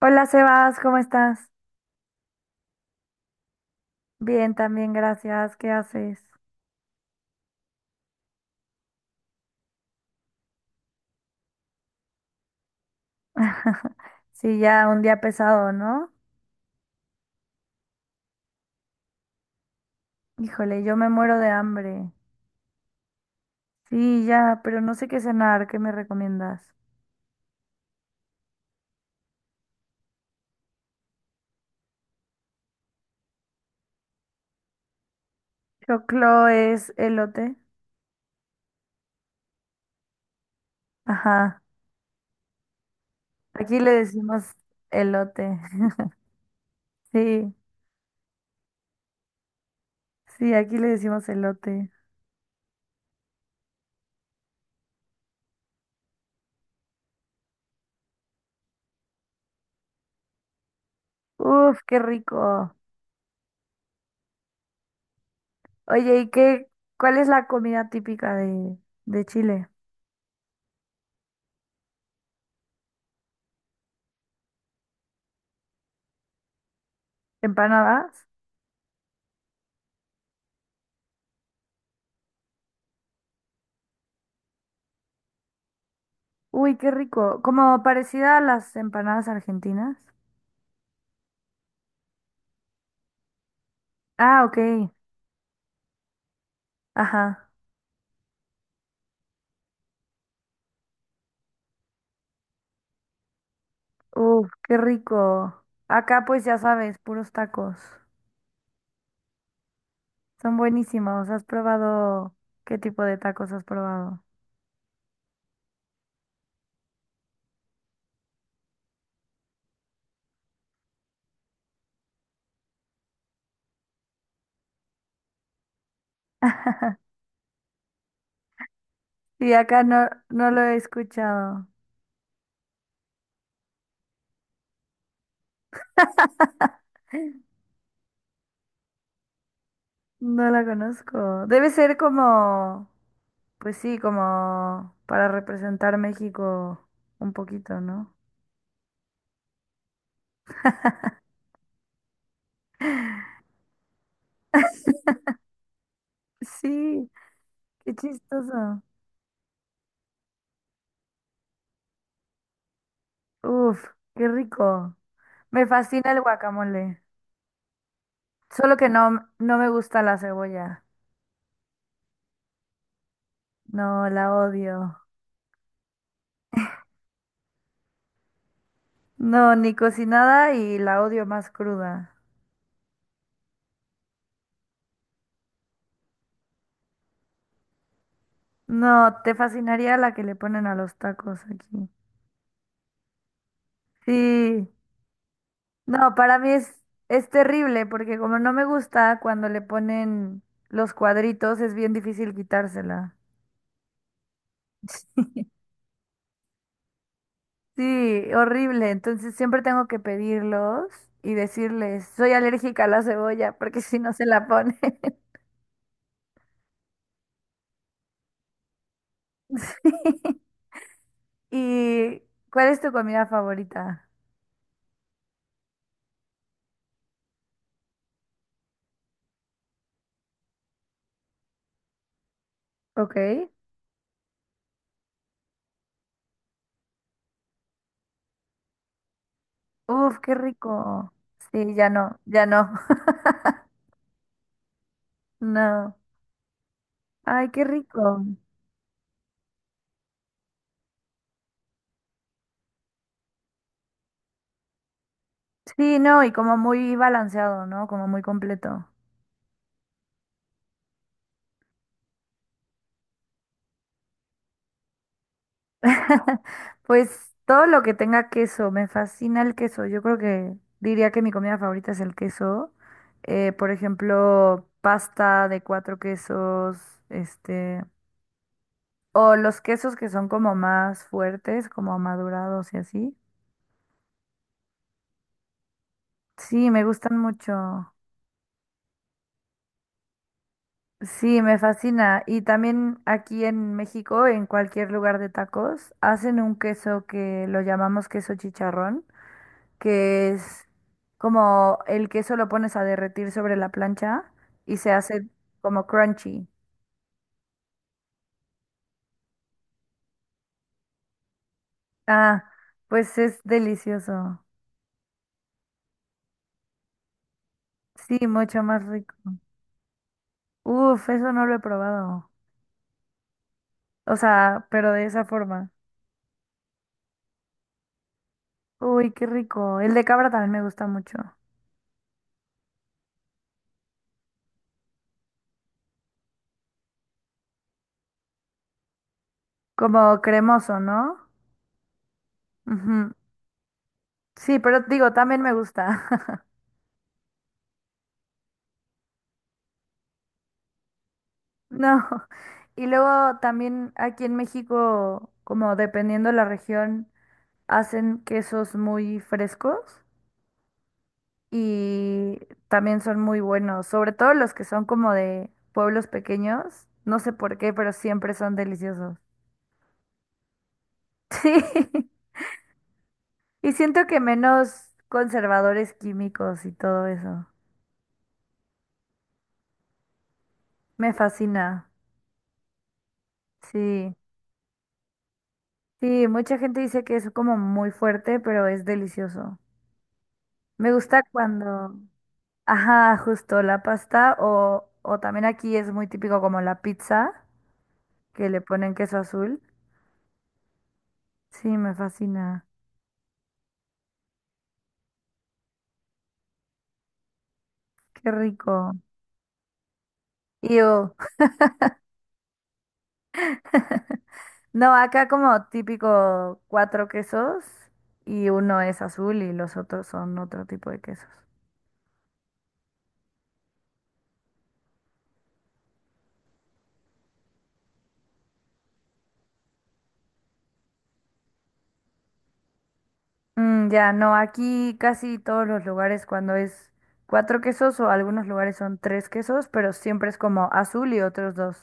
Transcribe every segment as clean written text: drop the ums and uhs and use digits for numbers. Hola Sebas, ¿cómo estás? Bien, también, gracias. ¿Qué haces? Sí, ya un día pesado, ¿no? Híjole, yo me muero de hambre. Sí, ya, pero no sé qué cenar, ¿qué me recomiendas? Choclo es elote. Ajá, aquí le decimos elote. Sí, sí, aquí le decimos elote. Uf, qué rico. Oye, ¿y qué, cuál es la comida típica de Chile? ¿Empanadas? Uy, qué rico. Como parecida a las empanadas argentinas. Ah, ok. Ajá. Uf, qué rico. Acá pues ya sabes, puros tacos. Son buenísimos. ¿Has probado? ¿Qué tipo de tacos has probado? Sí, acá no, no lo he escuchado. No la conozco. Debe ser como, pues sí, como para representar México un poquito, ¿no? Sí, qué chistoso. Uf, qué rico. Me fascina el guacamole, solo que no, no me gusta la cebolla. No, la odio. No, ni cocinada y la odio más cruda. No, te fascinaría la que le ponen a los tacos aquí. Sí, no, para mí es terrible porque como no me gusta cuando le ponen los cuadritos, es bien difícil quitársela. Sí, horrible. Entonces siempre tengo que pedirlos y decirles, soy alérgica a la cebolla porque si no se la pone. ¿Y cuál es tu comida favorita? Ok. Uf, qué rico. Sí, ya no, ya no, no. Ay, qué rico. Sí, no, y como muy balanceado, ¿no? Como muy completo. Pues todo lo que tenga queso, me fascina el queso. Yo creo que diría que mi comida favorita es el queso. Por ejemplo, pasta de cuatro quesos, este, o los quesos que son como más fuertes, como madurados y así. Sí, me gustan mucho. Sí, me fascina. Y también aquí en México, en cualquier lugar de tacos, hacen un queso que lo llamamos queso chicharrón, que es como el queso lo pones a derretir sobre la plancha y se hace como crunchy. Ah, pues es delicioso. Sí, mucho más rico. Uf, eso no lo he probado. O sea, pero de esa forma. Uy, qué rico. El de cabra también me gusta mucho. Como cremoso, ¿no? Ujú. Sí, pero digo, también me gusta. No. Y luego también aquí en México, como dependiendo la región, hacen quesos muy frescos y también son muy buenos, sobre todo los que son como de pueblos pequeños. No sé por qué, pero siempre son deliciosos. Sí. Y siento que menos conservadores químicos y todo eso. Me fascina. Sí. Sí, mucha gente dice que es como muy fuerte, pero es delicioso. Me gusta cuando, ajá, justo la pasta o también aquí es muy típico como la pizza, que le ponen queso azul. Sí, me fascina. Qué rico. Ew. No, acá como típico cuatro quesos y uno es azul y los otros son otro tipo de quesos. Mm, ya, no, aquí casi todos los lugares cuando es cuatro quesos o algunos lugares son tres quesos, pero siempre es como azul y otros dos.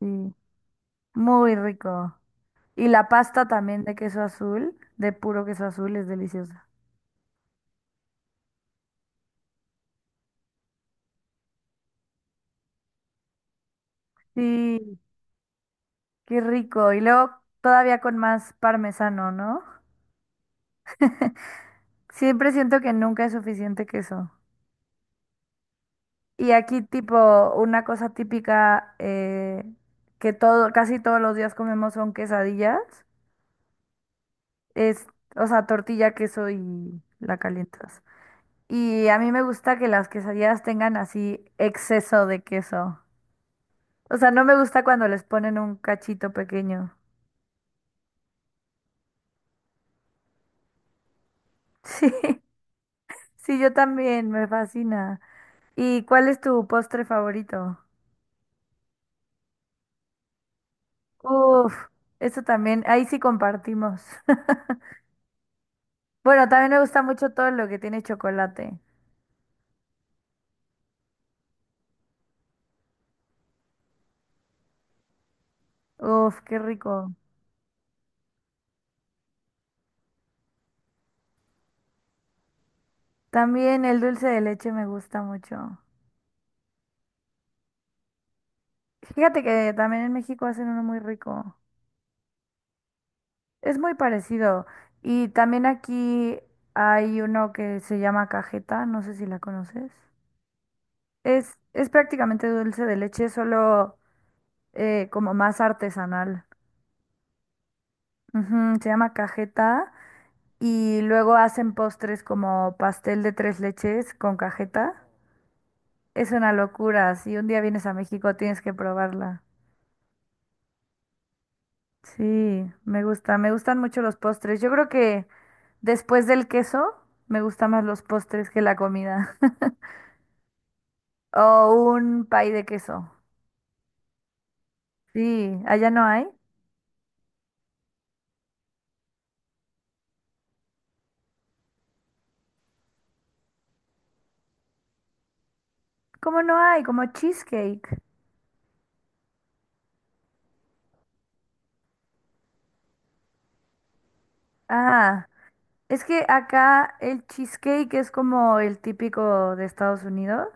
Sí, muy rico. Y la pasta también de queso azul, de puro queso azul, es deliciosa. Sí, qué rico. Y luego todavía con más parmesano, ¿no? Siempre siento que nunca es suficiente queso. Y aquí tipo una cosa típica que todo, casi todos los días comemos son quesadillas. Es, o sea, tortilla, queso y la calientas. Y a mí me gusta que las quesadillas tengan así exceso de queso. O sea, no me gusta cuando les ponen un cachito pequeño. Sí, sí, yo también, me fascina. ¿Y cuál es tu postre favorito? Uf, eso también, ahí sí compartimos. Bueno, también me gusta mucho todo lo que tiene chocolate. Uf, qué rico. También el dulce de leche me gusta mucho. Fíjate que también en México hacen uno muy rico. Es muy parecido. Y también aquí hay uno que se llama cajeta, no sé si la conoces. Es prácticamente dulce de leche, solo como más artesanal. Ujú, se llama cajeta y luego hacen postres como pastel de tres leches con cajeta. Es una locura, si un día vienes a México tienes que probarla. Sí, me gusta, me gustan mucho los postres. Yo creo que después del queso me gustan más los postres que la comida. O un pay de queso. Sí, allá no hay. ¿Cómo no hay? Como cheesecake. Ah, es que acá el cheesecake es como el típico de Estados Unidos.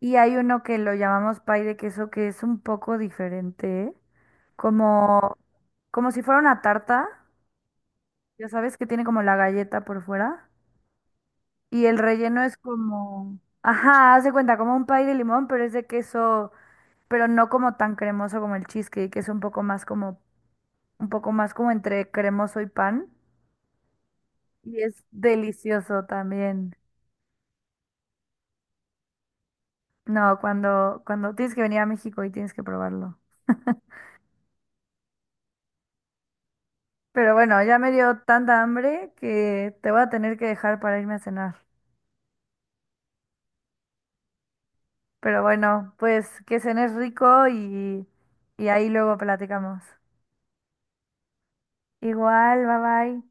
Y hay uno que lo llamamos pay de queso que es un poco diferente. Como, como si fuera una tarta. Ya sabes que tiene como la galleta por fuera. Y el relleno es como... Ajá, haz de cuenta, como un pay de limón, pero es de queso pero no como tan cremoso como el cheesecake, que es un poco más como un poco más como entre cremoso y pan. Y es delicioso también. No, cuando, cuando tienes que venir a México y tienes que probarlo. Pero bueno, ya me dio tanta hambre que te voy a tener que dejar para irme a cenar. Pero bueno, pues que cenes rico y ahí luego platicamos. Igual, bye bye.